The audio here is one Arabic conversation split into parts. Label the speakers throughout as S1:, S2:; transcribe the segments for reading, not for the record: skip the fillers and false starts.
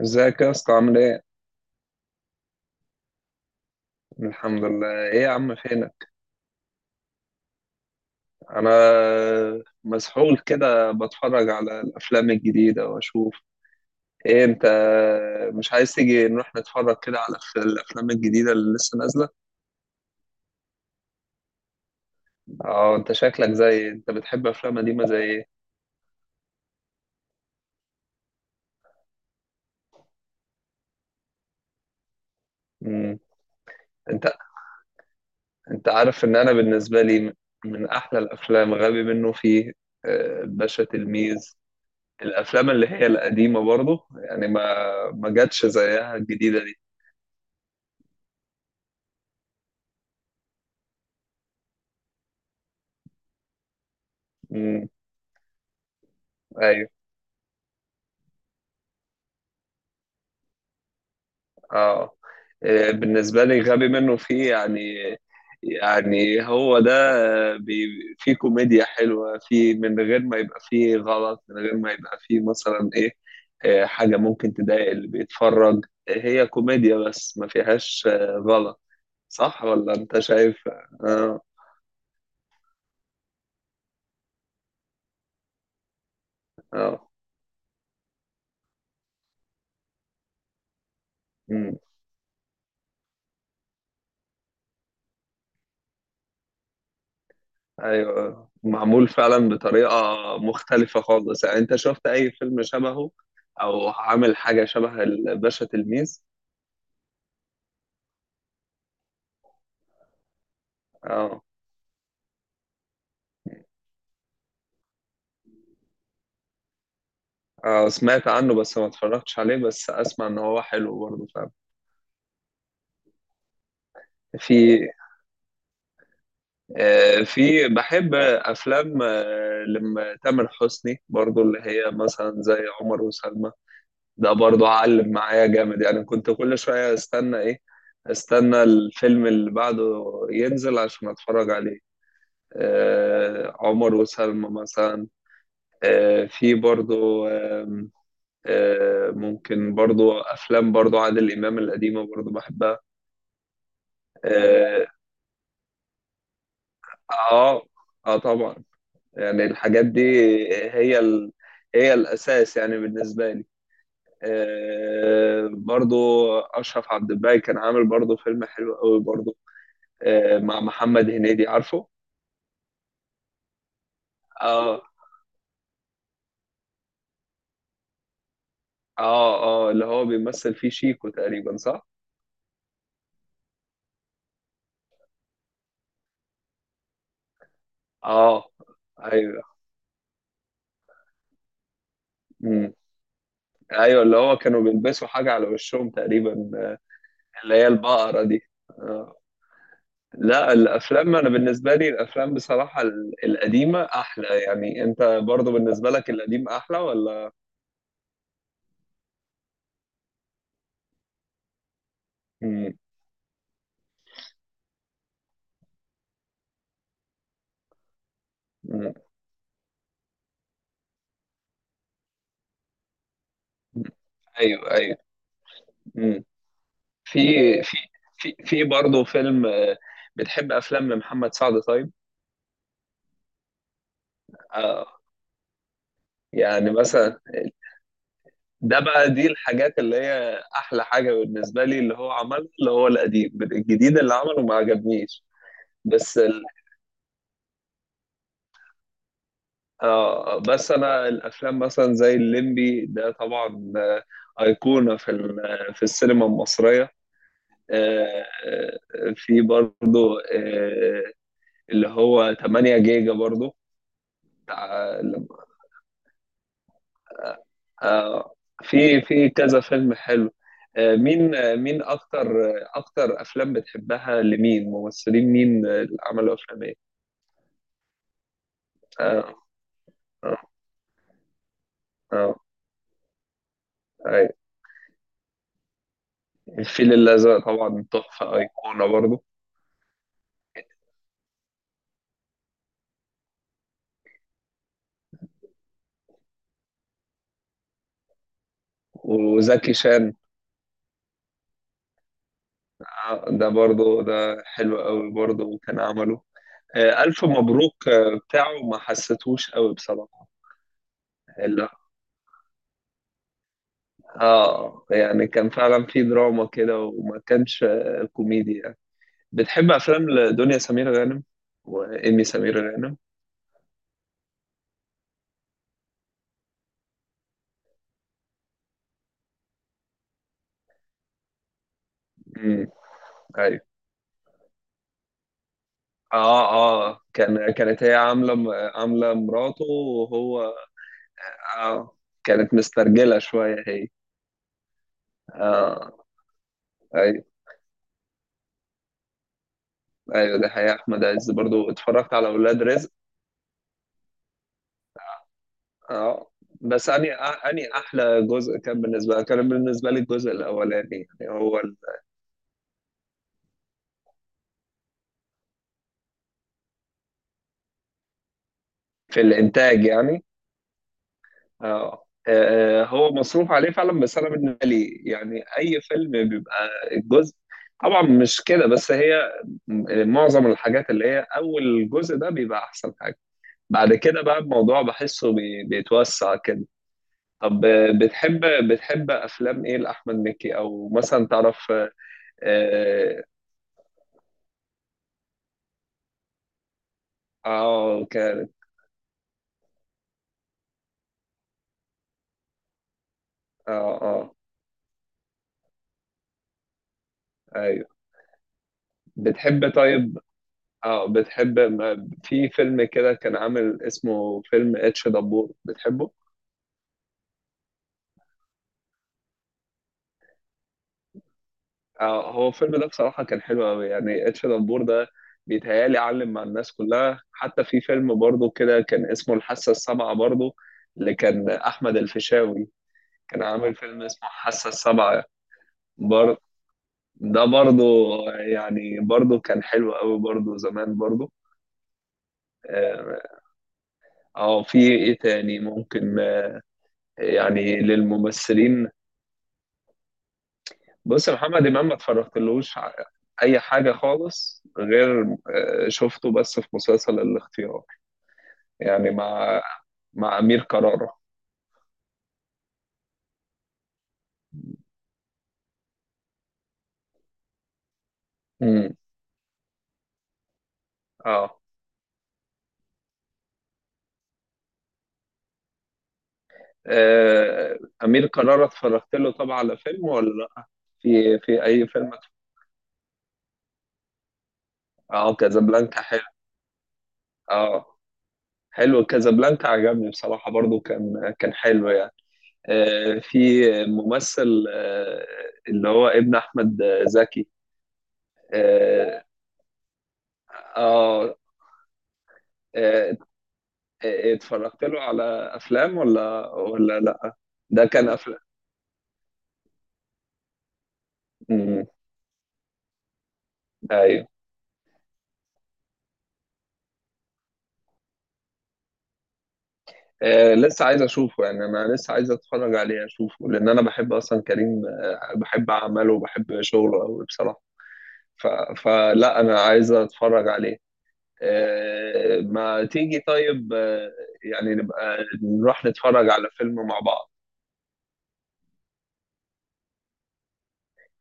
S1: ازيك يا اسطى عامل ايه؟ الحمد لله، ايه يا عم فينك؟ انا مسحول كده بتفرج على الافلام الجديدة واشوف ايه، انت مش عايز تيجي نروح نتفرج كده على الافلام الجديدة اللي لسه نازلة؟ اه انت شكلك زي ايه؟ انت بتحب افلام قديمة زي ايه؟ مم. انت انت عارف ان انا بالنسبة لي من احلى الافلام غبي منه فيه. الباشا تلميذ. الافلام اللي هي القديمة برضه، يعني ما جاتش زيها الجديدة دي. مم. ايوه اه. بالنسبة لي غبي منه فيه يعني، يعني هو ده. فيه كوميديا حلوة، فيه من غير ما يبقى فيه غلط، من غير ما يبقى فيه مثلا ايه، حاجة ممكن تضايق اللي بيتفرج، هي كوميديا بس ما فيهاش غلط. صح ولا انت شايف؟ اه اه. مم. ايوه، معمول فعلا بطريقة مختلفة خالص، يعني انت شفت اي فيلم شبهه او عامل حاجة شبه الباشا تلميذ؟ اه، سمعت عنه بس ما اتفرجتش عليه، بس اسمع ان هو حلو برضه، فاهم. في في بحب افلام لما تامر حسني، برضه اللي هي مثلا زي عمر وسلمى. ده برضه علم معايا جامد، يعني كنت كل شوية استنى ايه، استنى الفيلم اللي بعده ينزل عشان اتفرج عليه. عمر وسلمى مثلا. في برضه آم، آه، ممكن برضه افلام، برضه عادل امام القديمة برضه بحبها. آه، اه، اه طبعا، يعني الحاجات دي هي هي الاساس يعني بالنسبه لي. آه برضو، اشرف عبد الباقي كان عامل برضو فيلم حلو قوي برضو، آه مع محمد هنيدي، عارفه. اه اه اه، اللي هو بيمثل فيه شيكو تقريبا، صح. اه ايوه. مم. ايوه، اللي هو كانوا بيلبسوا حاجه على وشهم تقريبا اللي هي البقره دي. آه. لا الافلام، انا بالنسبه لي الافلام بصراحه القديمه احلى يعني. انت برضو بالنسبه لك القديم احلى ولا؟ مم. مم. ايوه ايوه. مم. في في في برضه فيلم، بتحب افلام لمحمد سعد طيب؟ آه، يعني مثلا، ده بقى دي الحاجات اللي هي احلى حاجه بالنسبه لي اللي هو عملها، اللي هو القديم. الجديد اللي عمله ما عجبنيش. بس اه، بس انا الافلام مثلا زي الليمبي ده طبعا ايقونه في في السينما المصريه. في برضو اللي هو 8 جيجا برضو بتاع- آه، في في كذا فيلم حلو. مين مين اكتر اكتر افلام بتحبها لمين؟ ممثلين مين اللي عملوا افلام ايه؟ اه اه اه. أي. الفيل الازرق طبعا تحفه، ايقونه برضو. وزكي شان، ده برضه ده حلو قوي برضه، كان عمله ألف مبروك، بتاعه ما حسيتهوش قوي بصراحة. لا، اه يعني كان فعلا في دراما كده وما كانش كوميدي يعني. بتحب أفلام لدنيا سمير غانم وإيمي سمير غانم؟ امم، أيوه. اه اه، كان كانت هي عاملة عاملة مراته وهو. اه، كانت مسترجلة شوية هي. اه ايوه. ايوه ده حقيقة، احمد عز برضو اتفرجت على ولاد رزق. اه بس اني اني احلى جزء كان بالنسبه كان بالنسبه لي الجزء الاولاني، يعني هو في الانتاج يعني. اه هو مصروف عليه فعلا. بس انا بالنسبه لي يعني اي فيلم بيبقى الجزء، طبعا مش كده، بس هي معظم الحاجات اللي هي اول جزء ده بيبقى احسن حاجه. بعد كده بقى الموضوع بحسه بيتوسع كده. طب بتحب افلام ايه لاحمد مكي او مثلا تعرف؟ اه آه، اه اه ايوه. بتحب طيب، اه بتحب؟ ما في فيلم كده كان عامل اسمه فيلم اتش دبور، بتحبه؟ اه هو الفيلم ده بصراحة كان حلو قوي يعني. اتش دبور ده بيتهيألي علم مع الناس كلها. حتى في فيلم برضه كده كان اسمه الحاسة السابعة برضه، اللي كان أحمد الفيشاوي كان عامل فيلم اسمه الحاسة السابعة برضه، ده برضه، يعني برضه كان حلو قوي برضه زمان برضه. اه في ايه تاني ممكن، يعني للممثلين؟ بص يا محمد امام، ما اتفرجتلوش اي حاجه خالص غير شفته بس في مسلسل الاختيار، يعني مع مع امير كرارة. امم اه، امير كرارة اتفرجت له طبعا على فيلم ولا لأ؟ في في اي فيلم اه كازابلانكا حلو. اه حلو كازابلانكا عجبني بصراحه برضو، كان كان حلو يعني. في ممثل اللي هو ابن احمد زكي آه، اه آه، اتفرجت له على افلام ولا لا؟ ده كان افلام، مم، ايوه. لسه عايز اشوفه، يعني انا لسه عايز اتفرج عليه اشوفه، لان انا بحب اصلا كريم، بحب اعماله وبحب شغله قوي بصراحه. ف... فلا انا عايز اتفرج عليه. ما تيجي طيب يعني نبقى نروح نتفرج على فيلم مع بعض.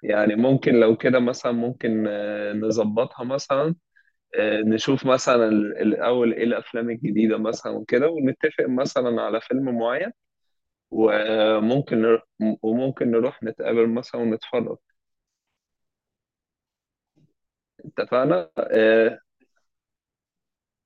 S1: يعني ممكن لو كده مثلا ممكن نظبطها مثلا، نشوف مثلا الأول إيه الأفلام الجديدة مثلا وكده، ونتفق مثلا على فيلم معين وممكن نروح، وممكن نروح نتقابل مثلا ونتفرج. اتفقنا؟ آه.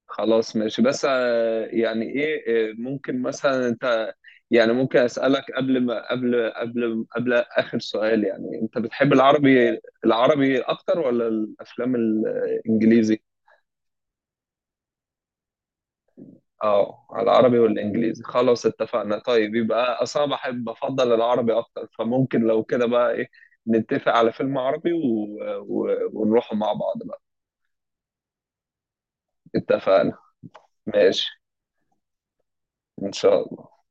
S1: خلاص ماشي، بس آه يعني إيه، آه ممكن مثلا أنت، يعني ممكن أسألك قبل ما قبل قبل قبل آخر سؤال، يعني أنت بتحب العربي، أكتر ولا الأفلام الإنجليزي؟ اه على العربي والانجليزي، خلاص اتفقنا. طيب يبقى اصلا بحب بفضل العربي اكتر، فممكن لو كده بقى ايه، نتفق على فيلم عربي و... ونروح مع بعض بقى. اتفقنا. ماشي ان شاء الله.